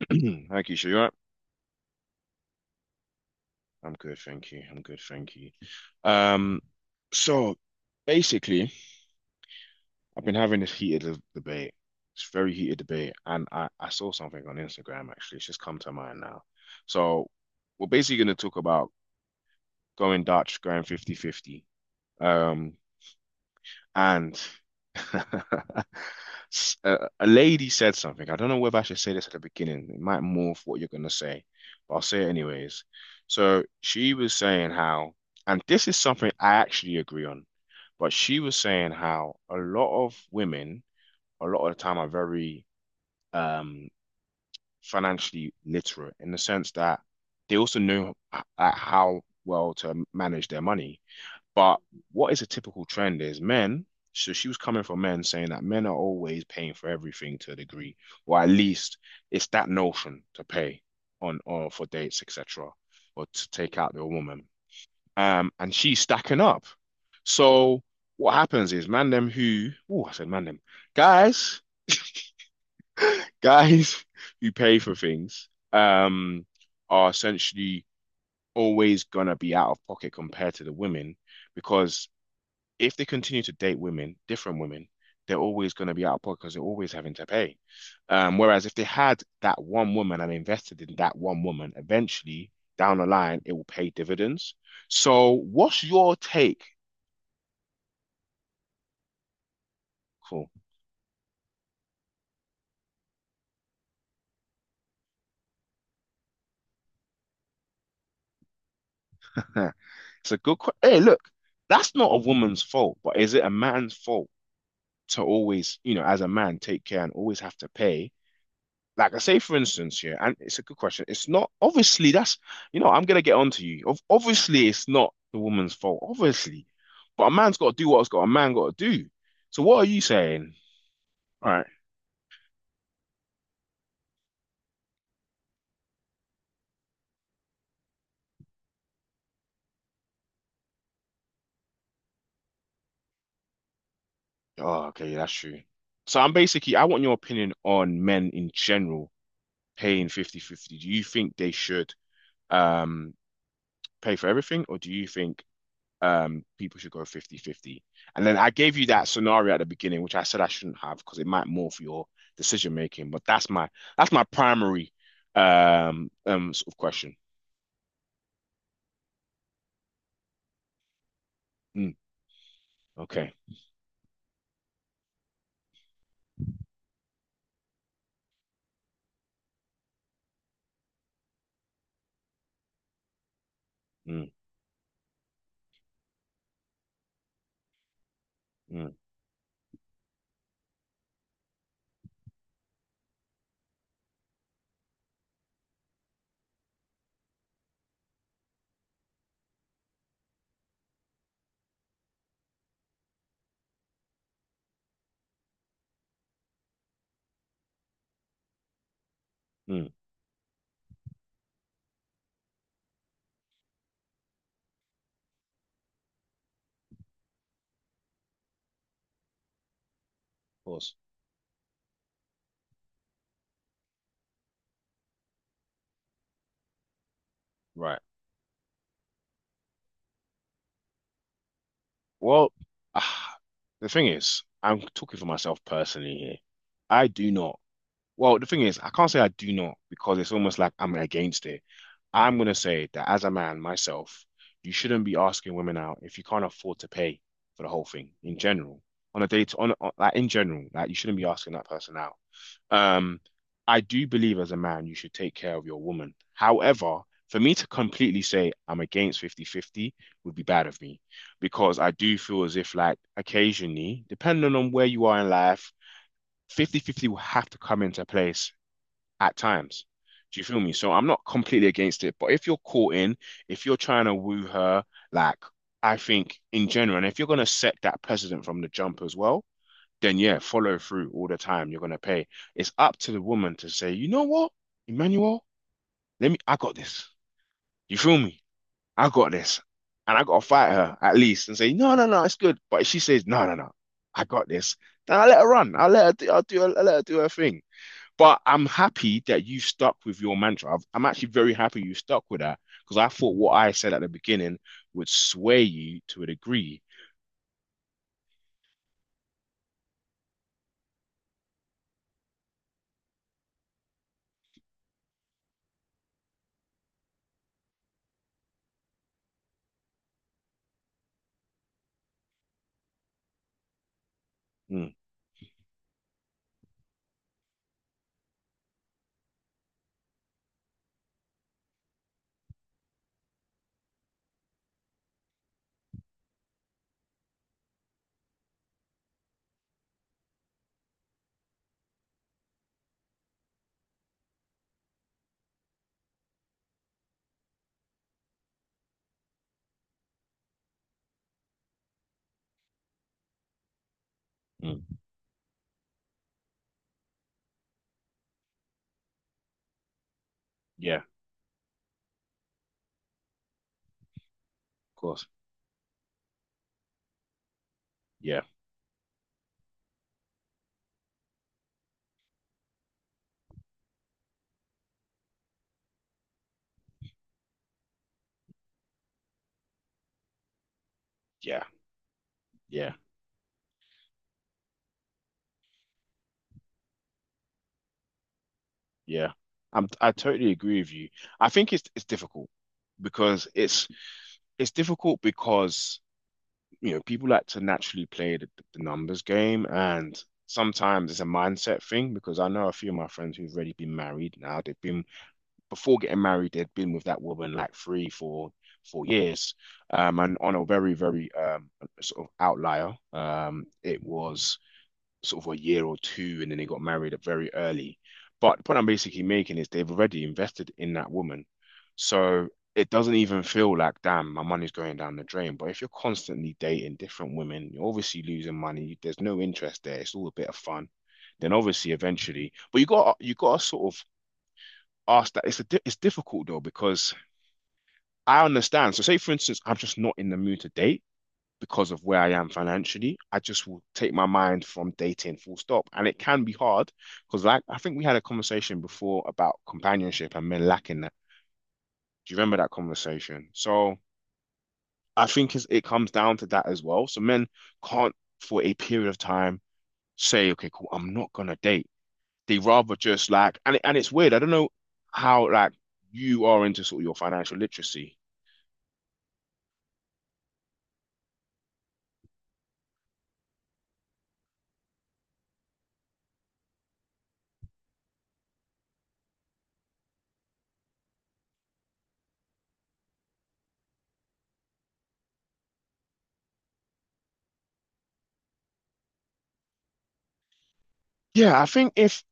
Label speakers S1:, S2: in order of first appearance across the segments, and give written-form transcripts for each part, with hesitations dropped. S1: Thank you, sure you are. I'm good, thank you. I'm good, thank you. Um, so basically, I've been having this heated debate. It's very heated debate, and I saw something on Instagram actually. It's just come to mind now. So we're basically going to talk about going Dutch, going 50/50. Um, And a lady said something. I don't know whether I should say this at the beginning. It might morph what you're going to say, but I'll say it anyways. So she was saying how, and this is something I actually agree on, but she was saying how a lot of women, a lot of the time, are very um, financially literate in the sense that they also know how well to manage their money. But what is a typical trend is men, so she was coming from men saying that men are always paying for everything to a degree, or at least it's that notion to pay on or for dates, etc., or to take out the woman. And she's stacking up. So what happens is man them who, oh, I said man them, guys, guys who pay for things, are essentially always gonna be out of pocket compared to the women because if they continue to date women, different women, they're always going to be out of pocket because they're always having to pay. Whereas if they had that one woman and invested in that one woman, eventually down the line, it will pay dividends. So, what's your take? Cool. It's a good question. Hey, look, that's not a woman's fault, but is it a man's fault to always, as a man, take care and always have to pay like I say, for instance, yeah, and it's a good question. It's not obviously that's I'm gonna get on to you. Obviously, it's not the woman's fault, obviously, but a man's got to do what's got a man got to do. So what are you saying? All right. Oh, okay, that's true. So I want your opinion on men in general paying 50/50. Do you think they should um pay for everything, or do you think people should go 50-50, and then I gave you that scenario at the beginning, which I said I shouldn't have because it might morph your decision making. But that's my primary sort of question. Mm, okay. Mm, mm, mm, of course. Right. Well, ah, the thing is, I'm talking for myself personally here. I do not. Well, the thing is, I can't say I do not because it's almost like I'm against it. I'm gonna say that as a man myself, you shouldn't be asking women out if you can't afford to pay for the whole thing in general. On a date, on like in general, like you shouldn't be asking that person out. Um, I do believe as a man you should take care of your woman. However, for me to completely say I'm against 50-50 would be bad of me because I do feel as if like occasionally, depending on where you are in life, 50-50 will have to come into place at times. Do you feel me? So I'm not completely against it, but if you're caught in, if you're trying to woo her, like I think in general, and if you're gonna set that precedent from the jump as well, then yeah, follow through all the time. You're gonna pay. It's up to the woman to say, you know what, Emmanuel, let me, I got this. You feel me? I got this. And I gotta fight her at least and say, no, no, no, it's good. But if she says, no, no, no, I got this, then I let her run. I let her do her thing. But I'm happy that you stuck with your mantra. I'm actually very happy you stuck with that because I thought what I said at the beginning would sway you to a degree. Mm, mm. Yeah, of course. Yeah, yeah, yeah, yeah. I totally agree with you. I think it's difficult because it's difficult because people like to naturally play the numbers game, and sometimes it's a mindset thing because I know a few of my friends who've already been married. Now they've been, before getting married, they'd been with that woman like three, four years. And on a very, very sort of outlier, it was sort of a year or two, and then they got married very early. But the point I'm basically making is they've already invested in that woman. So it doesn't even feel like, damn, my money's going down the drain. But if you're constantly dating different women, you're obviously losing money. There's no interest there. It's all a bit of fun. Then obviously eventually, but you got to sort of ask that. It's difficult though because I understand. So say for instance, I'm just not in the mood to date because of where I am financially. I just will take my mind from dating full stop, and it can be hard because like I think we had a conversation before about companionship and men lacking that. Do you remember that conversation? So I think it comes down to that as well. So men can't, for a period of time, say, okay, cool, I'm not gonna date. They rather just like, and it's weird. I don't know how like you are into sort of your financial literacy. Yeah, I think if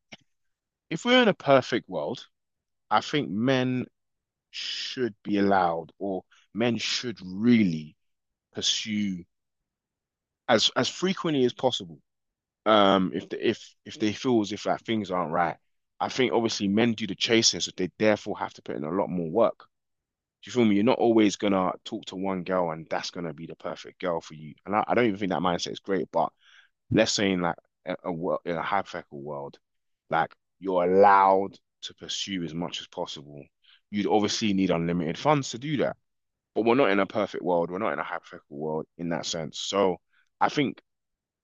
S1: if we're in a perfect world, I think men should be allowed, or men should really pursue as frequently as possible. If they feel as if like things aren't right, I think obviously men do the chasing, so they therefore have to put in a lot more work. Do you feel me? You're not always gonna talk to one girl and that's gonna be the perfect girl for you. And I don't even think that mindset is great, but let's say in like a world, in a hypothetical world, like you're allowed to pursue as much as possible. You'd obviously need unlimited funds to do that, but we're not in a perfect world. We're not in a hypothetical world in that sense. So I think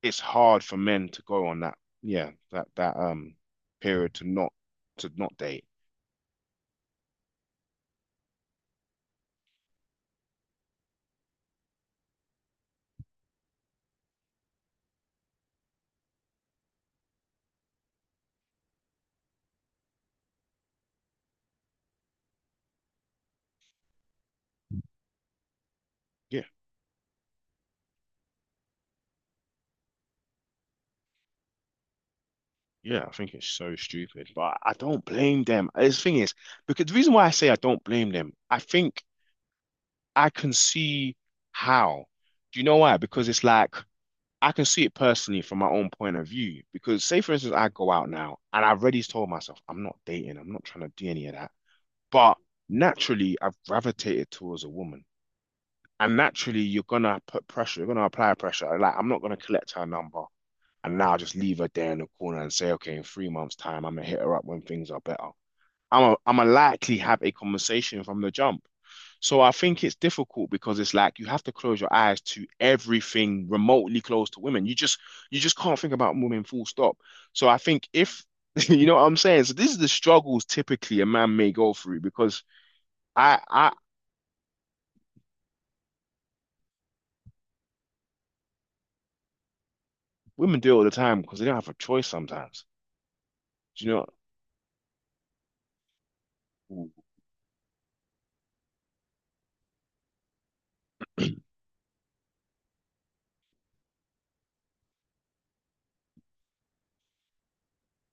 S1: it's hard for men to go on that, yeah, that period to not date. Yeah, yeah, I think it's so stupid, but I don't blame them. The thing is, because the reason why I say I don't blame them, I think I can see how. Do you know why? Because it's like I can see it personally from my own point of view. Because say for instance, I go out now and I've already told myself I'm not dating, I'm not trying to do any of that. But naturally, I've gravitated towards a woman. And naturally, you're gonna put pressure, you're gonna apply pressure. Like I'm not gonna collect her number and now just leave her there in the corner and say, okay, in 3 months' time, I'm gonna hit her up when things are better. I'm a likely have a conversation from the jump. So I think it's difficult because it's like you have to close your eyes to everything remotely close to women. You just can't think about women full stop. So I think if you know what I'm saying, so this is the struggles typically a man may go through because I women do it all the time because they don't have a choice sometimes. Do you know? Ooh,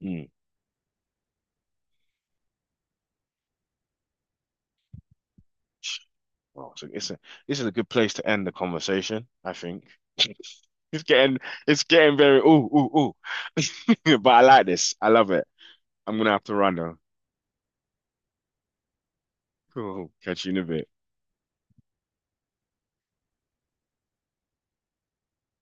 S1: mm. Well, so it's a this is a good place to end the conversation, I think. It's getting it's getting very ooh ooh ooh. But I like this. I love it. I'm gonna have to run though. Cool. Catch you in a bit.